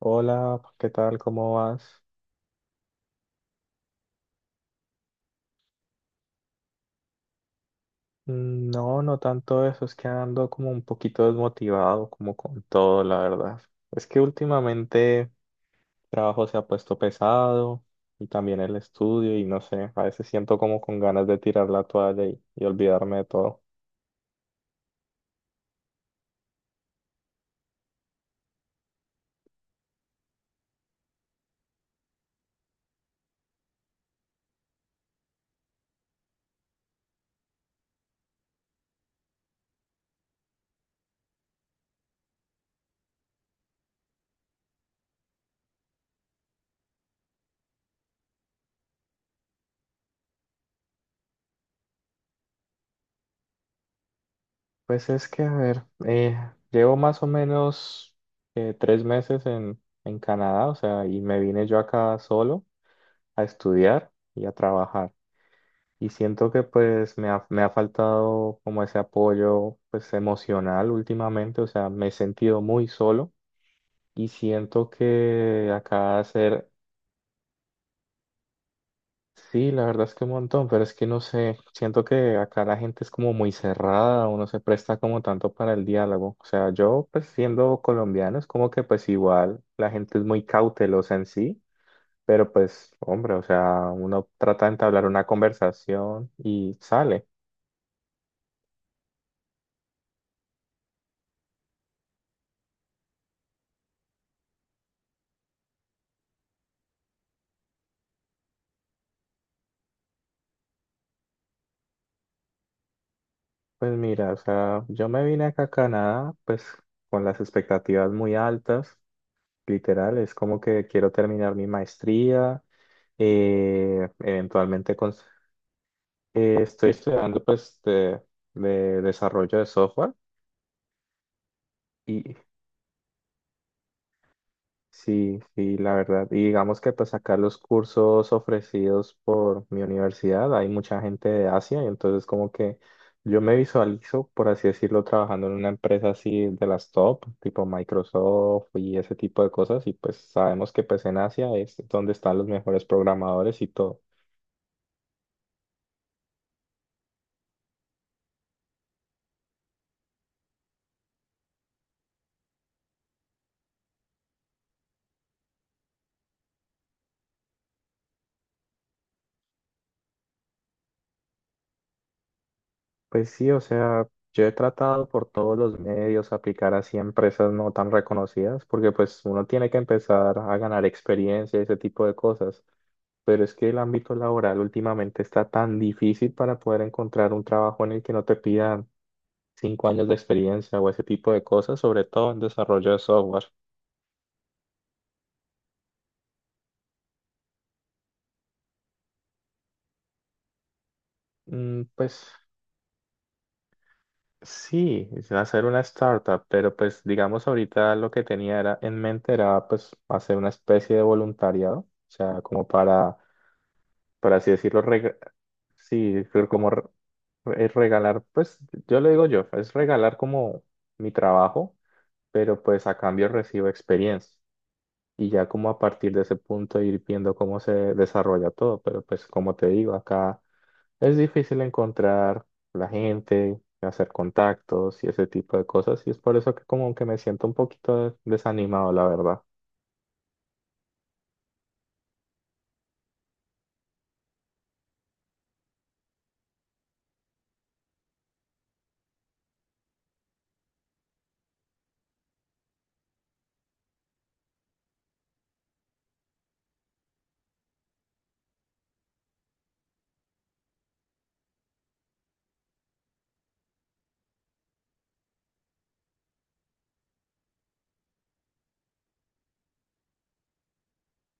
Hola, ¿qué tal? ¿Cómo vas? No, no tanto eso, es que ando como un poquito desmotivado, como con todo, la verdad. Es que últimamente el trabajo se ha puesto pesado y también el estudio y no sé, a veces siento como con ganas de tirar la toalla y olvidarme de todo. Pues es que, a ver, llevo más o menos 3 meses en Canadá, o sea, y me vine yo acá solo a estudiar y a trabajar. Y siento que pues me ha faltado como ese apoyo pues emocional últimamente, o sea, me he sentido muy solo y siento que acá hacer, sí, la verdad es que un montón, pero es que no sé, siento que acá la gente es como muy cerrada, uno se presta como tanto para el diálogo, o sea, yo pues siendo colombiano es como que pues igual la gente es muy cautelosa en sí. Pero pues, hombre, o sea, uno trata de entablar una conversación y sale. Pues mira, o sea, yo me vine acá a Canadá, pues con las expectativas muy altas, literal, es como que quiero terminar mi maestría, eh, eventualmente cons- estoy estudiando pues de desarrollo de software y sí, sí, la verdad. Y digamos que pues acá los cursos ofrecidos por mi universidad, hay mucha gente de Asia y entonces como que yo me visualizo, por así decirlo, trabajando en una empresa así de las top, tipo Microsoft y ese tipo de cosas y pues sabemos que pues en Asia es donde están los mejores programadores y todo. Pues sí, o sea, yo he tratado por todos los medios aplicar así a empresas no tan reconocidas porque pues uno tiene que empezar a ganar experiencia y ese tipo de cosas. Pero es que el ámbito laboral últimamente está tan difícil para poder encontrar un trabajo en el que no te pidan 5 años de experiencia o ese tipo de cosas, sobre todo en desarrollo de software. Pues sí, es hacer una startup, pero pues digamos ahorita lo que tenía era, en mente era pues hacer una especie de voluntariado, o sea, como para, por así decirlo, sí, pero es regalar, pues yo le digo yo, es regalar como mi trabajo pero pues a cambio recibo experiencia. Y ya como a partir de ese punto ir viendo cómo se desarrolla todo, pero pues como te digo, acá es difícil encontrar la gente, hacer contactos y ese tipo de cosas, y es por eso que como que me siento un poquito desanimado, la verdad.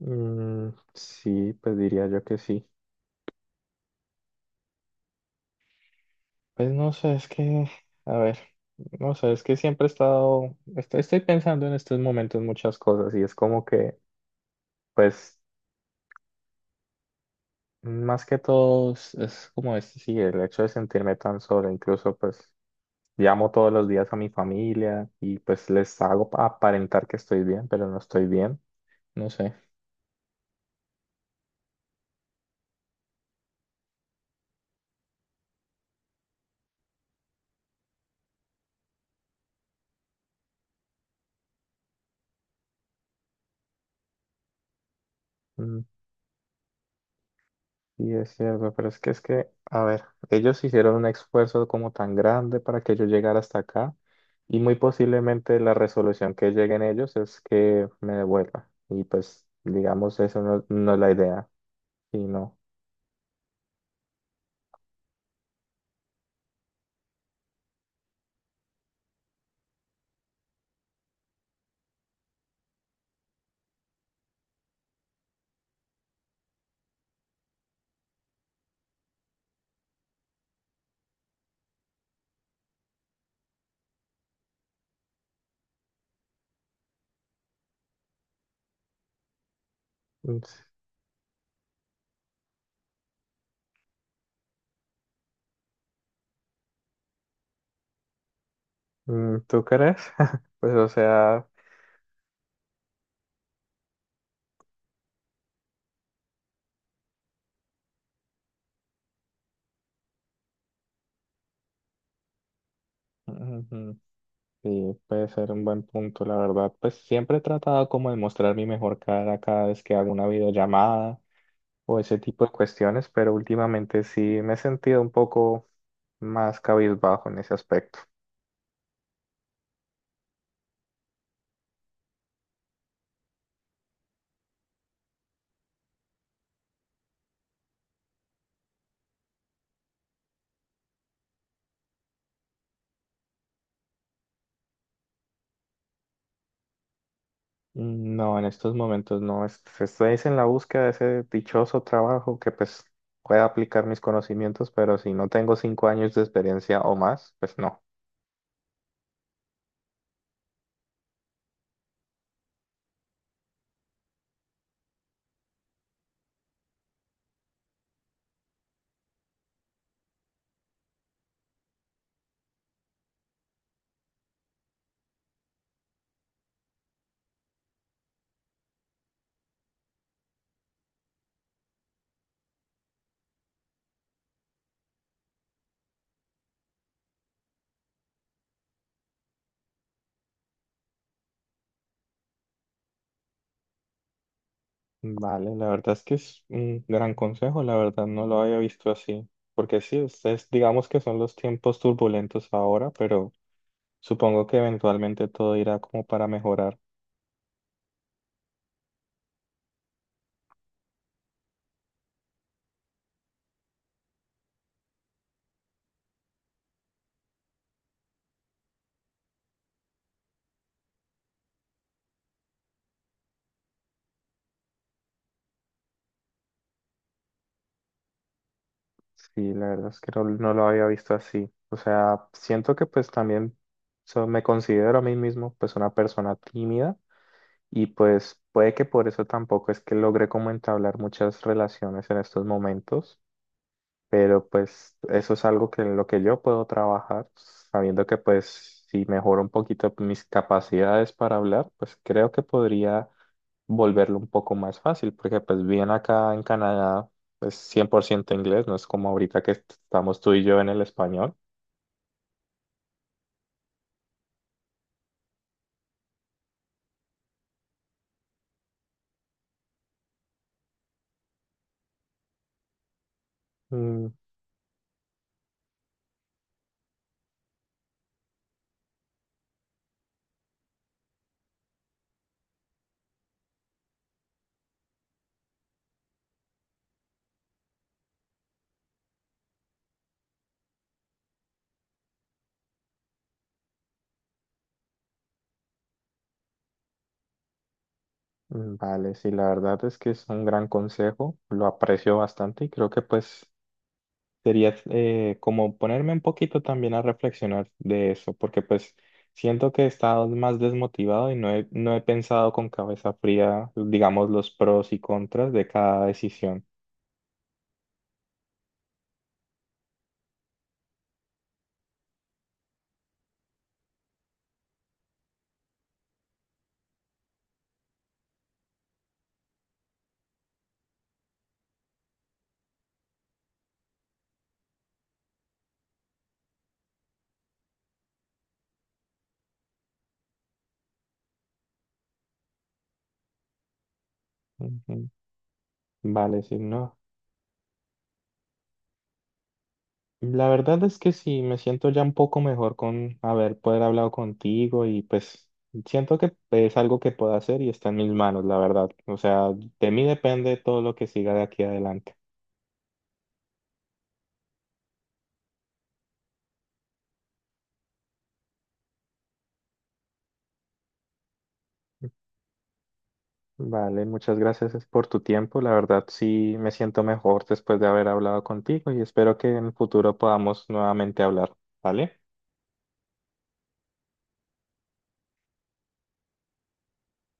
Mm, sí, pues diría yo que sí. Pues no sé, es que, a ver, no sé, es que siempre he estoy pensando en estos momentos muchas cosas y es como que, pues más que todo es como este, sí, el hecho de sentirme tan solo, incluso pues llamo todos los días a mi familia y pues aparentar que estoy bien, pero no estoy bien, no sé. Mm, Sí, es cierto, pero es que a ver, ellos hicieron un esfuerzo como tan grande para que yo llegara hasta acá y muy posiblemente la resolución que lleguen ellos es que me devuelva y pues digamos eso no, no es la idea, y no. Mm, ¿tú crees? Pues o sea... Ujú. Sí, puede ser un buen punto, la verdad. Pues siempre he tratado como de mostrar mi mejor cara cada vez que hago una videollamada o ese tipo de cuestiones, pero últimamente sí me he sentido un poco más cabizbajo en ese aspecto. No, en estos momentos no. Estoy es en la búsqueda de ese dichoso trabajo que pues pueda aplicar mis conocimientos, pero si no tengo 5 años de experiencia o más, pues no. Vale, la verdad es que es un gran consejo, la verdad no lo había visto así, porque sí, ustedes digamos que son los tiempos turbulentos ahora, pero supongo que eventualmente todo irá como para mejorar. Sí, la verdad es que no, no lo había visto así. O sea, siento que pues también me considero a mí mismo pues una persona tímida y pues puede que por eso tampoco es que logre como entablar muchas relaciones en estos momentos pero pues eso es algo que en lo que yo puedo trabajar, sabiendo que pues si mejoro un poquito mis capacidades para hablar, pues creo que podría volverlo un poco más fácil, porque pues bien acá en Canadá es 100% inglés, no es como ahorita que estamos tú y yo en el español. Mm, Vale, sí, la verdad es que es un gran consejo, lo aprecio bastante y creo que pues sería como ponerme un poquito también a reflexionar de eso, porque pues siento que he estado más desmotivado y no he pensado con cabeza fría, digamos, los pros y contras de cada decisión. Ujú. Vale, sí, no. La verdad es que sí, me siento ya un poco mejor con haber poder hablado contigo y pues siento que es algo que puedo hacer y está en mis manos, la verdad. O sea, de mí depende todo lo que siga de aquí adelante. Vale, muchas gracias por tu tiempo. La verdad sí me siento mejor después de haber hablado contigo y espero que en el futuro podamos nuevamente hablar. ¿Vale?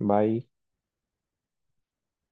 Bye.